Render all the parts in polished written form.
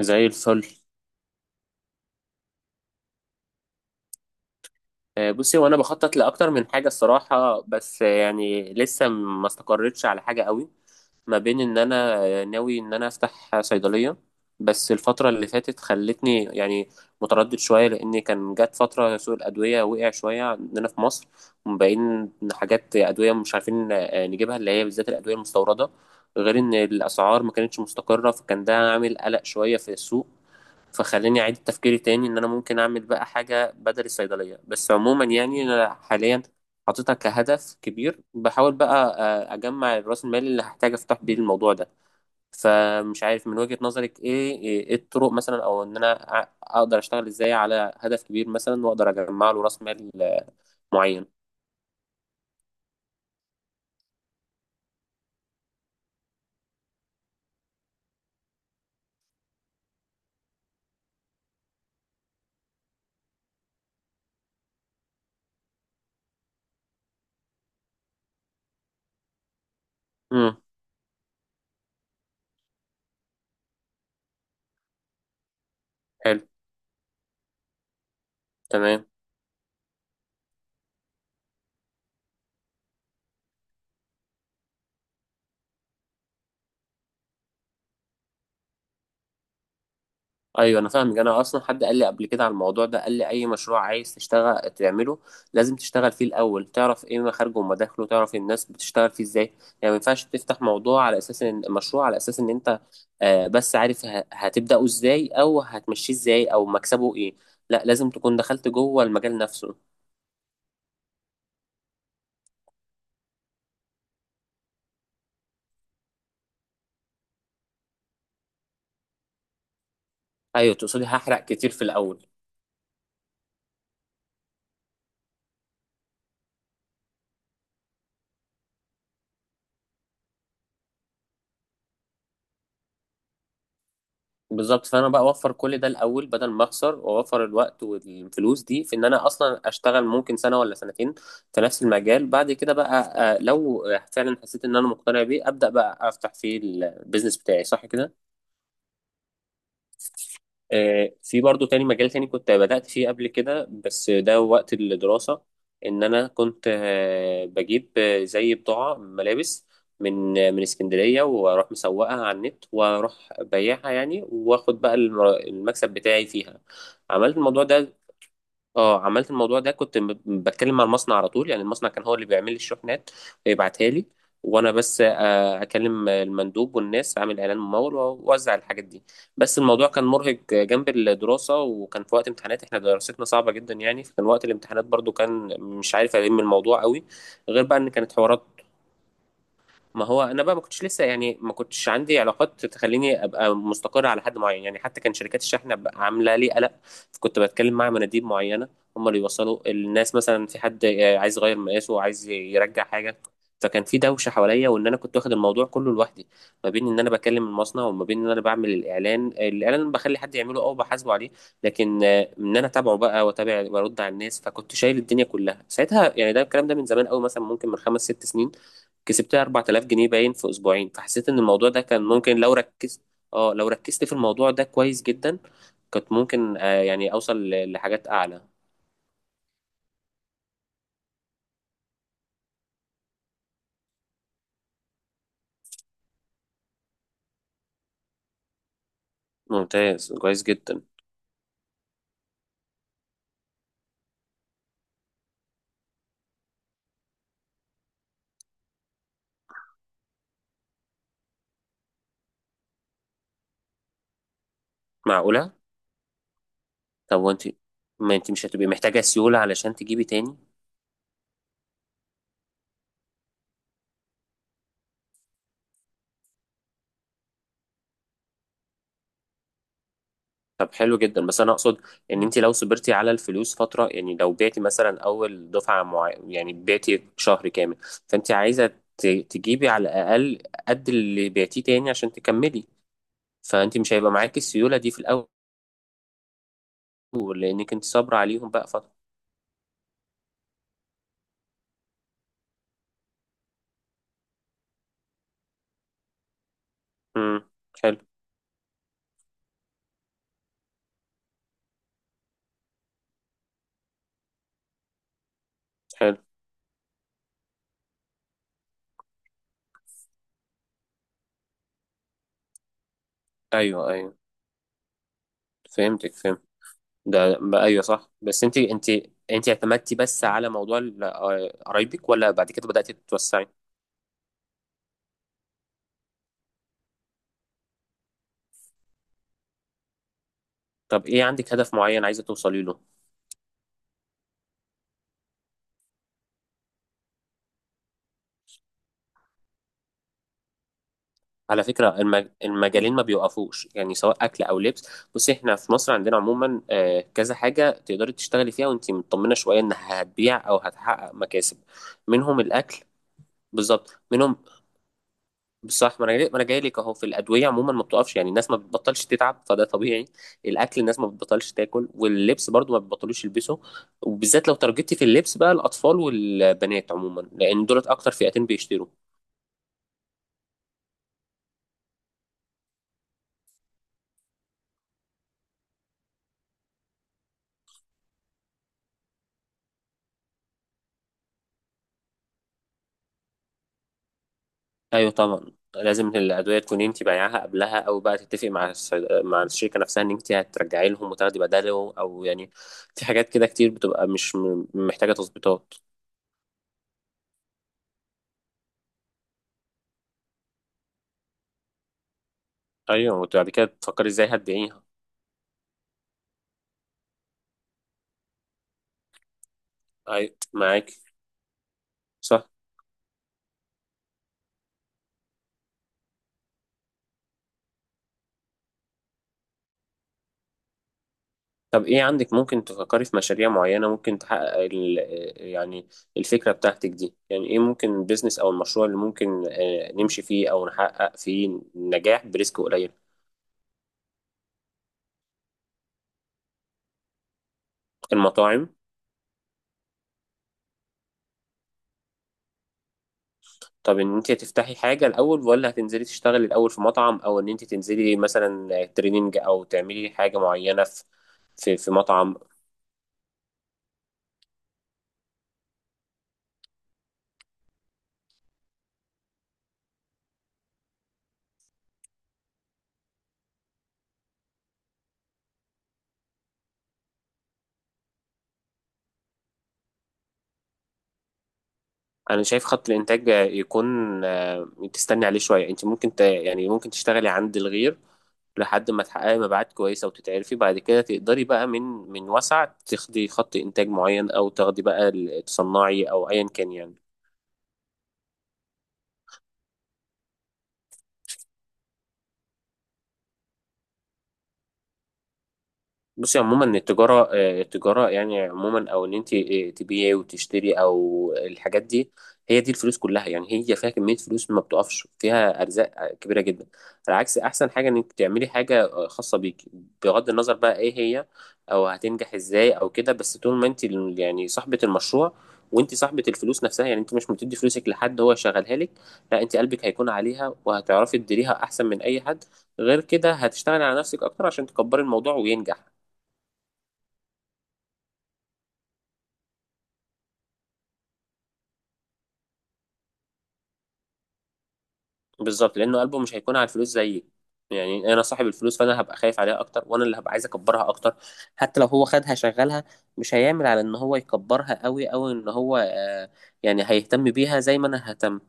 زي الفل. بصي، وانا بخطط لاكتر من حاجه الصراحه، بس يعني لسه ما استقرتش على حاجه قوي. ما بين ان انا ناوي ان انا افتح صيدليه، بس الفتره اللي فاتت خلتني يعني متردد شويه لان كان جت فتره سوق الادويه وقع شويه عندنا في مصر. ومبين إن حاجات ادويه مش عارفين نجيبها، اللي هي بالذات الادويه المستورده. غير ان الاسعار ما كانتش مستقره، فكان ده عامل قلق شويه في السوق، فخلاني اعيد تفكيري تاني ان انا ممكن اعمل بقى حاجه بدل الصيدليه. بس عموما يعني انا حاليا حاططها كهدف كبير، بحاول بقى اجمع راس المال اللي هحتاج افتح بيه الموضوع ده. فمش عارف من وجهة نظرك ايه ايه إيه الطرق مثلا، او ان انا اقدر اشتغل ازاي على هدف كبير مثلا، واقدر اجمع له راس مال معين. امم. حلو. تمام. ايوه، انا فاهمك. انا اصلا حد قال لي قبل كده على الموضوع ده، قال لي اي مشروع عايز تشتغل تعمله لازم تشتغل فيه الاول، تعرف ايه مخارجه ومداخله، تعرف الناس بتشتغل فيه ازاي. يعني ما ينفعش تفتح موضوع على اساس ان مشروع على اساس ان انت بس عارف هتبداه ازاي او هتمشيه ازاي او مكسبه ايه. لا، لازم تكون دخلت جوه المجال نفسه. ايوه، تقصدي هحرق كتير في الاول. بالظبط، فانا بقى اوفر كل ده الاول بدل ما اخسر، واوفر الوقت والفلوس دي في ان انا اصلا اشتغل ممكن سنه ولا سنتين في نفس المجال بعد كده بقى. لو فعلا حسيت ان انا مقتنع بيه، ابدا بقى افتح فيه البيزنس بتاعي، صح كده. في برضو تاني مجال تاني كنت بدأت فيه قبل كده، بس ده وقت الدراسة. إن أنا كنت بجيب زي بضاعة ملابس من اسكندرية، وأروح مسوقها على النت وأروح بيعها يعني، وآخد بقى المكسب بتاعي فيها. عملت الموضوع ده. اه عملت الموضوع ده، كنت بتكلم مع المصنع على طول يعني، المصنع كان هو اللي بيعمل لي الشحنات ويبعتها لي. وانا بس اكلم المندوب والناس، اعمل اعلان ممول واوزع الحاجات دي. بس الموضوع كان مرهق جنب الدراسه، وكان في وقت امتحانات احنا دراستنا صعبه جدا يعني، فكان وقت الامتحانات برضو كان مش عارف الم الموضوع قوي. غير بقى ان كانت حوارات. ما هو انا بقى ما كنتش عندي علاقات تخليني ابقى مستقر على حد معين يعني، حتى كان شركات الشحن بقى عامله لي قلق. كنت بتكلم مع مناديب معينه، هم اللي يوصلوا الناس، مثلا في حد عايز يغير مقاسه، عايز يرجع حاجه. فكان في دوشه حواليا وان انا كنت واخد الموضوع كله لوحدي، ما بين ان انا بكلم المصنع وما بين ان انا بعمل الاعلان، بخلي حد يعمله او بحاسبه عليه. لكن ان انا اتابعه بقى، واتابع، وارد على الناس، فكنت شايل الدنيا كلها ساعتها يعني. ده الكلام ده من زمان قوي، مثلا ممكن من خمس ست سنين. كسبتها 4000 جنيه باين في اسبوعين، فحسيت ان الموضوع ده كان ممكن لو ركزت. اه لو ركزت في الموضوع ده كويس جدا، كنت ممكن يعني اوصل لحاجات اعلى. ممتاز، كويس جدا. معقولة؟ طب وانت، ما انت مش هتبقي محتاجة سيولة علشان تجيبي تاني؟ طب حلو جدا، بس انا اقصد ان انت لو صبرتي على الفلوس فترة، يعني لو بعتي مثلا اول دفعة، يعني بعتي شهر كامل، فانت عايزة تجيبي على الاقل قد اللي بعتيه تاني عشان تكملي. فانت مش هيبقى معاكي السيولة دي في الاول، لأنك أنت صابرة عليهم بقى فترة. امم. حلو. حلو. أيوه، أيوه. فهمتك، فهمت. ده بقى أيوه صح. بس أنت اعتمدتي بس على موضوع قرايبك، ولا بعد كده بدأتي تتوسعي؟ طب إيه، عندك هدف معين عايزة توصلي له؟ على فكرة، المجالين ما بيوقفوش يعني، سواء أكل أو لبس. بصي إحنا في مصر عندنا عموما كذا حاجة تقدري تشتغلي فيها وأنت مطمنة شوية إنها هتبيع أو هتحقق مكاسب. منهم الأكل. بالظبط، منهم. صح. ما انا جاي لك اهو. في الادويه عموما ما بتقفش يعني، الناس ما بتبطلش تتعب، فده طبيعي. الاكل، الناس ما بتبطلش تاكل، واللبس برضو ما بيبطلوش يلبسه، وبالذات لو ترجتي في اللبس بقى، الاطفال والبنات عموما لان دولت اكتر فئتين بيشتروا. ايوه طبعا، لازم الادويه تكون انت بايعاها قبلها، او بقى تتفقي مع مع الشركه نفسها ان انت هترجعي لهم وتاخدي بداله، او يعني في حاجات كده كتير بتبقى مش محتاجه تظبيطات. ايوه، وبعد كده تفكري ازاي هتبيعيها. ايوه معاكي. صح. طب ايه عندك؟ ممكن تفكري في مشاريع معينة ممكن تحقق ال يعني الفكرة بتاعتك دي، يعني ايه ممكن البيزنس او المشروع اللي ممكن نمشي فيه او نحقق فيه نجاح بريسك قليل. المطاعم؟ طب ان انت هتفتحي حاجة الاول ولا هتنزلي تشتغلي الاول في مطعم، او ان انت تنزلي مثلا تريننج او تعملي حاجة معينة في في مطعم. انا شايف خط الانتاج يكون تستني عليه شويه، انت ممكن يعني ممكن تشتغلي عند الغير لحد ما تحققي مبيعات كويسه وتتعرفي، بعد كده تقدري بقى من وسع تاخدي خط انتاج معين او تاخدي بقى تصنعي او ايا كان يعني. بصي عموما، التجارة يعني عموما، أو إن أنت تبيعي وتشتري أو الحاجات دي، هي دي الفلوس كلها يعني، هي فيها كمية فلوس ما بتقفش، فيها أرزاق كبيرة جدا. على عكس، أحسن حاجة إنك تعملي حاجة خاصة بيك، بغض النظر بقى إيه هي أو هتنجح إزاي أو كده، بس طول ما أنت يعني صاحبة المشروع وأنت صاحبة الفلوس نفسها، يعني أنت مش بتدي فلوسك لحد هو يشغلها لك. لا، أنت قلبك هيكون عليها وهتعرفي تديريها أحسن من أي حد، غير كده هتشتغلي على نفسك أكتر عشان تكبري الموضوع وينجح. بالظبط، لانه قلبه مش هيكون على الفلوس زيي، يعني انا صاحب الفلوس فانا هبقى خايف عليها اكتر وانا اللي هبقى عايز اكبرها اكتر. حتى لو هو خدها شغلها، مش هيعمل على ان هو يكبرها قوي او ان هو يعني هيهتم بيها زي ما انا ههتم.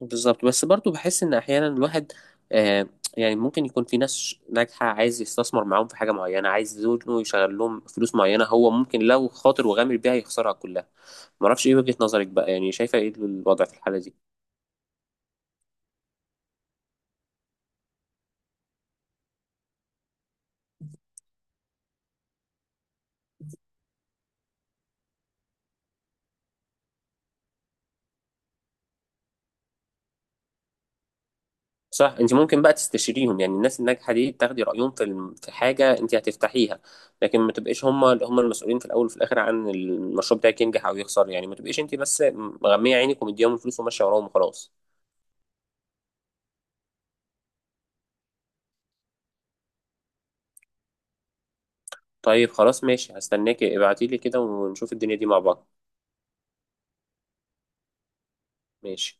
بالظبط. بس برضو بحس ان احيانا الواحد آه يعني ممكن يكون في ناس ناجحة عايز يستثمر معاهم في حاجة معينة، عايز زوجته يشغل لهم فلوس معينة، هو ممكن لو خاطر وغامر بيها يخسرها كلها. معرفش، ايه وجهة نظرك بقى، يعني شايفة ايه الوضع في الحالة دي؟ صح، انت ممكن بقى تستشيريهم يعني، الناس الناجحه دي تاخدي رايهم في في حاجه انت هتفتحيها. لكن ما تبقيش هم اللي هم المسؤولين في الاول وفي الاخر عن المشروع بتاعك ينجح او يخسر، يعني ما تبقيش انت بس مغميه عينك ومديهم الفلوس وماشيه وراهم وخلاص. طيب خلاص ماشي، هستناكي. ابعتي لي كده ونشوف الدنيا دي مع بعض. ماشي.